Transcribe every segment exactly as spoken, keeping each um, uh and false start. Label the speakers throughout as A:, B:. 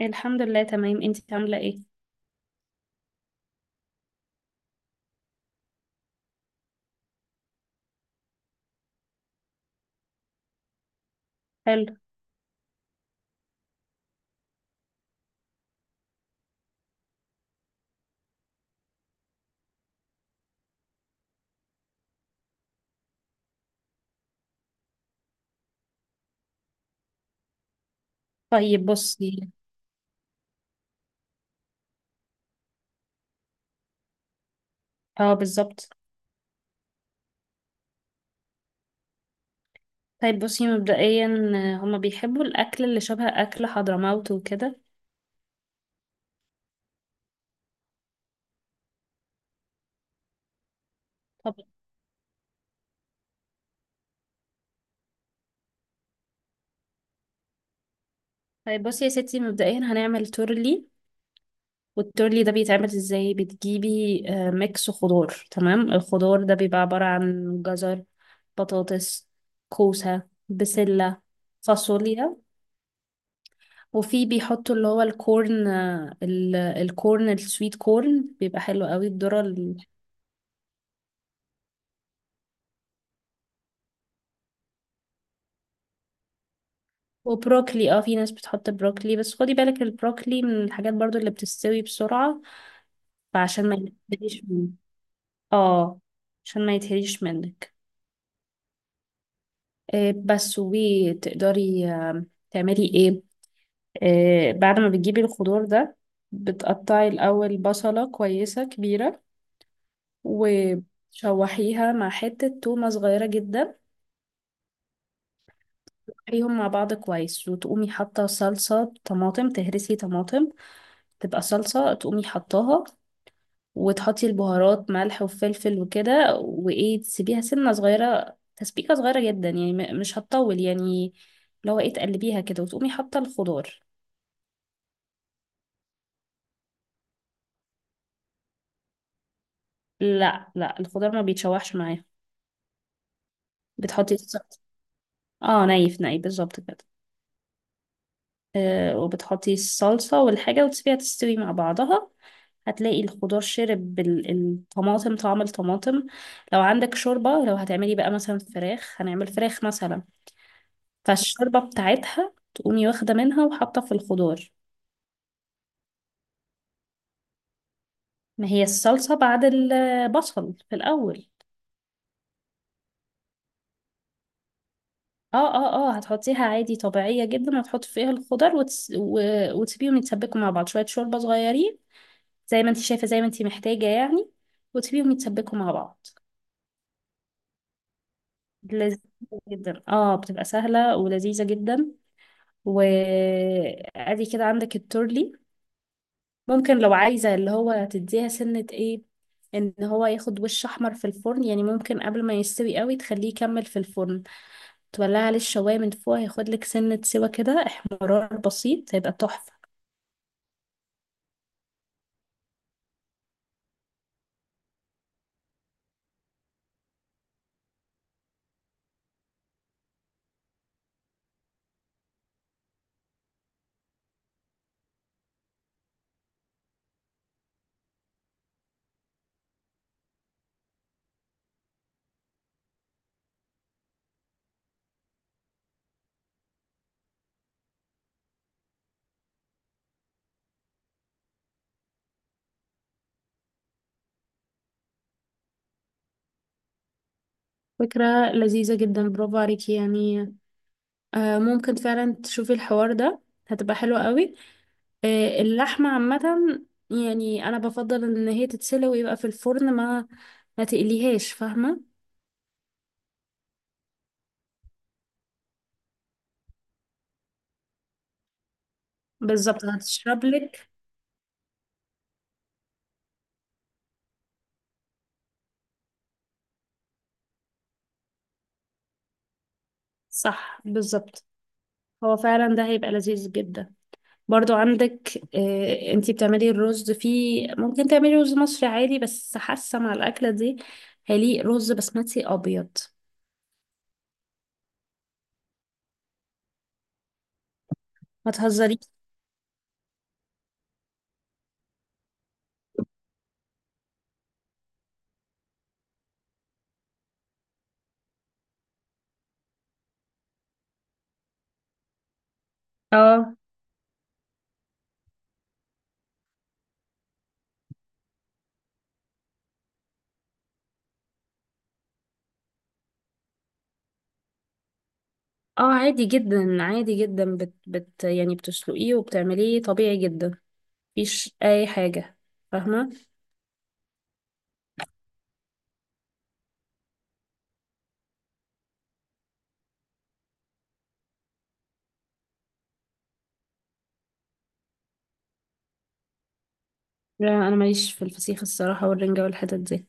A: الحمد لله تمام، انت عاملة ايه؟ حلو. طيب بصي. اه بالظبط. طيب بصي مبدئيا، آه، هما بيحبوا الأكل اللي شبه أكل حضرموت وكده. طب طيب بصي يا ستي، مبدئيا هنعمل تورلي. والتورلي ده بيتعمل ازاي؟ بتجيبي آه، ميكس خضار. تمام. الخضار ده بيبقى عبارة عن جزر، بطاطس، كوسة، بسلة، فاصوليا. وفي بيحطوا اللي هو الكورن، آه، ال- الكورن السويت كورن، بيبقى حلو قوي الذرة. وبروكلي. اه في ناس بتحط بروكلي، بس خدي بالك البروكلي من الحاجات برضو اللي بتستوي بسرعة. فعشان ما يتهريش منك. اه عشان ما يتهريش منك. آه بس وتقدري آه تعملي ايه؟ آه بعد ما بتجيبي الخضار ده، بتقطعي الأول بصلة كويسة كبيرة، وتشوحيها مع حتة تومة صغيرة جدا. تشوحيهم مع بعض كويس، وتقومي حاطة صلصة طماطم. تهرسي طماطم تبقى صلصة، تقومي حطاها. وتحطي البهارات ملح وفلفل وكده، وايه تسيبيها سنة صغيرة، تسبيكة صغيرة جدا يعني. م- مش هتطول يعني. لو ايه تقلبيها كده، وتقومي حاطة الخضار. لا لا، الخضار ما بيتشوحش معايا. بتحطي الصلصة. اه نايف نايف بالظبط كده. آه وبتحطي الصلصة والحاجة، وتسيبيها تستوي مع بعضها. هتلاقي الخضار شرب بال- الطماطم، طعم الطماطم. لو عندك شوربة، لو هتعملي بقى مثلا فراخ، هنعمل فراخ مثلا، فالشوربة بتاعتها تقومي واخدة منها وحاطة في الخضار. ما هي الصلصة بعد البصل في الأول. اه اه اه هتحطيها عادي طبيعية جدا، وتحطي فيها الخضار وتس... و... وتسيبيهم يتسبكوا مع بعض، شوية شوربة صغيرين زي ما انت شايفة، زي ما انت محتاجة يعني، وتسيبيهم يتسبكوا مع بعض. لذيذة جدا، اه بتبقى سهلة ولذيذة جدا. وادي كده عندك التورلي. ممكن لو عايزة اللي هو تديها سنة ايه، ان هو ياخد وش احمر في الفرن يعني، ممكن قبل ما يستوي قوي تخليه يكمل في الفرن، تولع عليه الشواية من فوق، هياخد لك سنة سوا كده احمرار بسيط، هيبقى تحفة. فكرة لذيذة جدا، برافو عليكي يعني. آه ممكن فعلا تشوفي الحوار ده، هتبقى حلوة قوي. آه اللحمة عامة يعني انا بفضل ان هي تتسلق ويبقى في الفرن، ما ما تقليهاش، فاهمة. بالظبط، هتشرب لك. صح بالظبط، هو فعلا ده هيبقى لذيذ جدا. برضو عندك، آه، انتي بتعملي الرز فيه، ممكن تعملي رز مصري عادي، بس حاسه مع الاكله دي هيليق رز بسمتي ابيض. ما تهزريش. اه اه عادي جدا عادي جدا، بت, بت يعني بتسلقيه وبتعمليه طبيعي جدا، مفيش اي حاجه، فاهمه. لا انا ماليش في الفسيخ الصراحه والرنجه والحتت دي.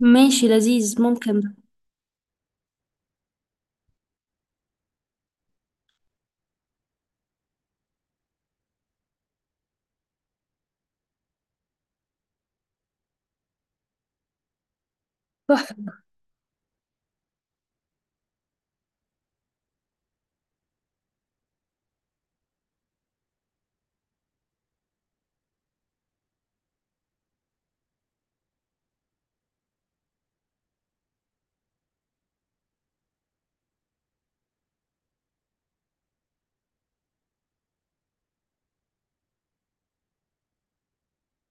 A: ماشي، لذيذ، ممكن ده. تحفه.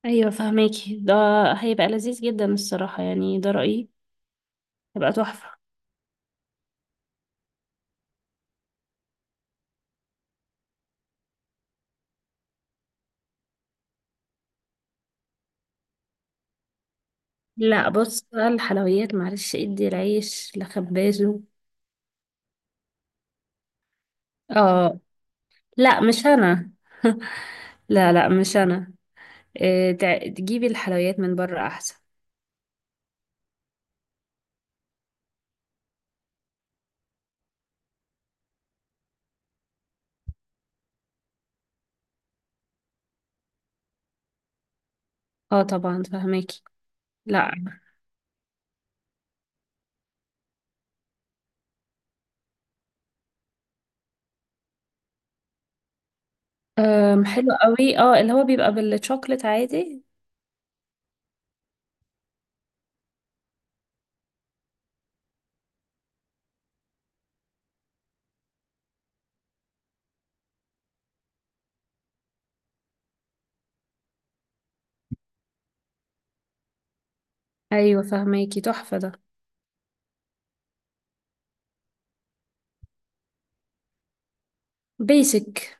A: ايوه فهماكي ده، هيبقى لذيذ جدا الصراحه يعني، ده رايي، هيبقى تحفه. لا بص بقى، الحلويات معلش ادي العيش لخبازه. اه. لا مش انا. لا لا مش انا. إيه تع- تجيبي الحلويات من بره احسن. اه طبعا فهماكي. لا. أم حلو قوي، اه اللي هو بيبقى بالشوكليت عادي. ايوه فهماكي، تحفه ده. بيسك.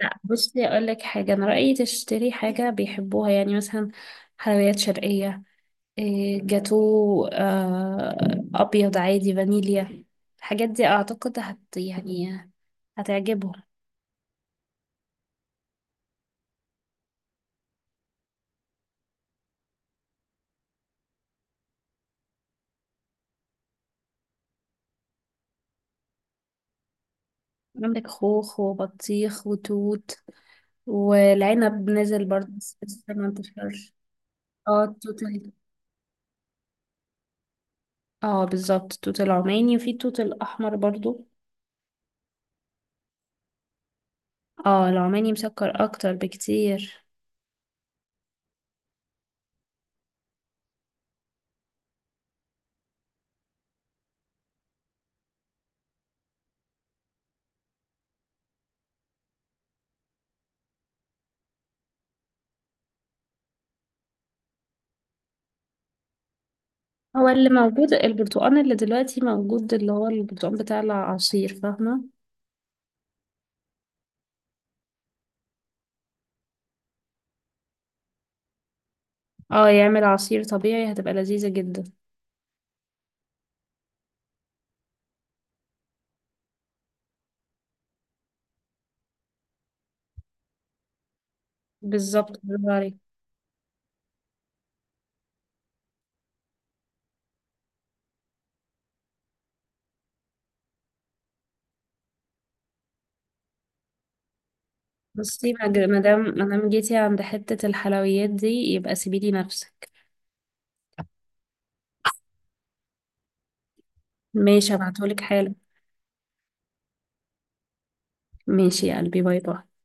A: لا بصي، اقول لك حاجه، انا رايي تشتري حاجه بيحبوها يعني، مثلا حلويات شرقيه، إيه، جاتو، آه، ابيض عادي فانيليا، الحاجات دي اعتقد هت يعني هتعجبهم. عندك خوخ وبطيخ وتوت، والعنب نزل برضه بس لسه ما انتشرش. اه التوت ال- اه بالظبط، التوت العماني، وفي التوت الاحمر برضو. اه العماني مسكر اكتر بكتير. هو اللي موجود البرتقال اللي دلوقتي موجود اللي هو البرتقال بتاع العصير، فاهمة. اه يعمل عصير طبيعي، هتبقى لذيذة جدا. بالظبط، برافو عليكي. بصي، ما جا- ما دام ما دام جيتي عند حتة الحلويات دي، يبقى سيبيلي نفسك. ماشي هبعتهولك حالا. ماشي يا قلبي، باي باي.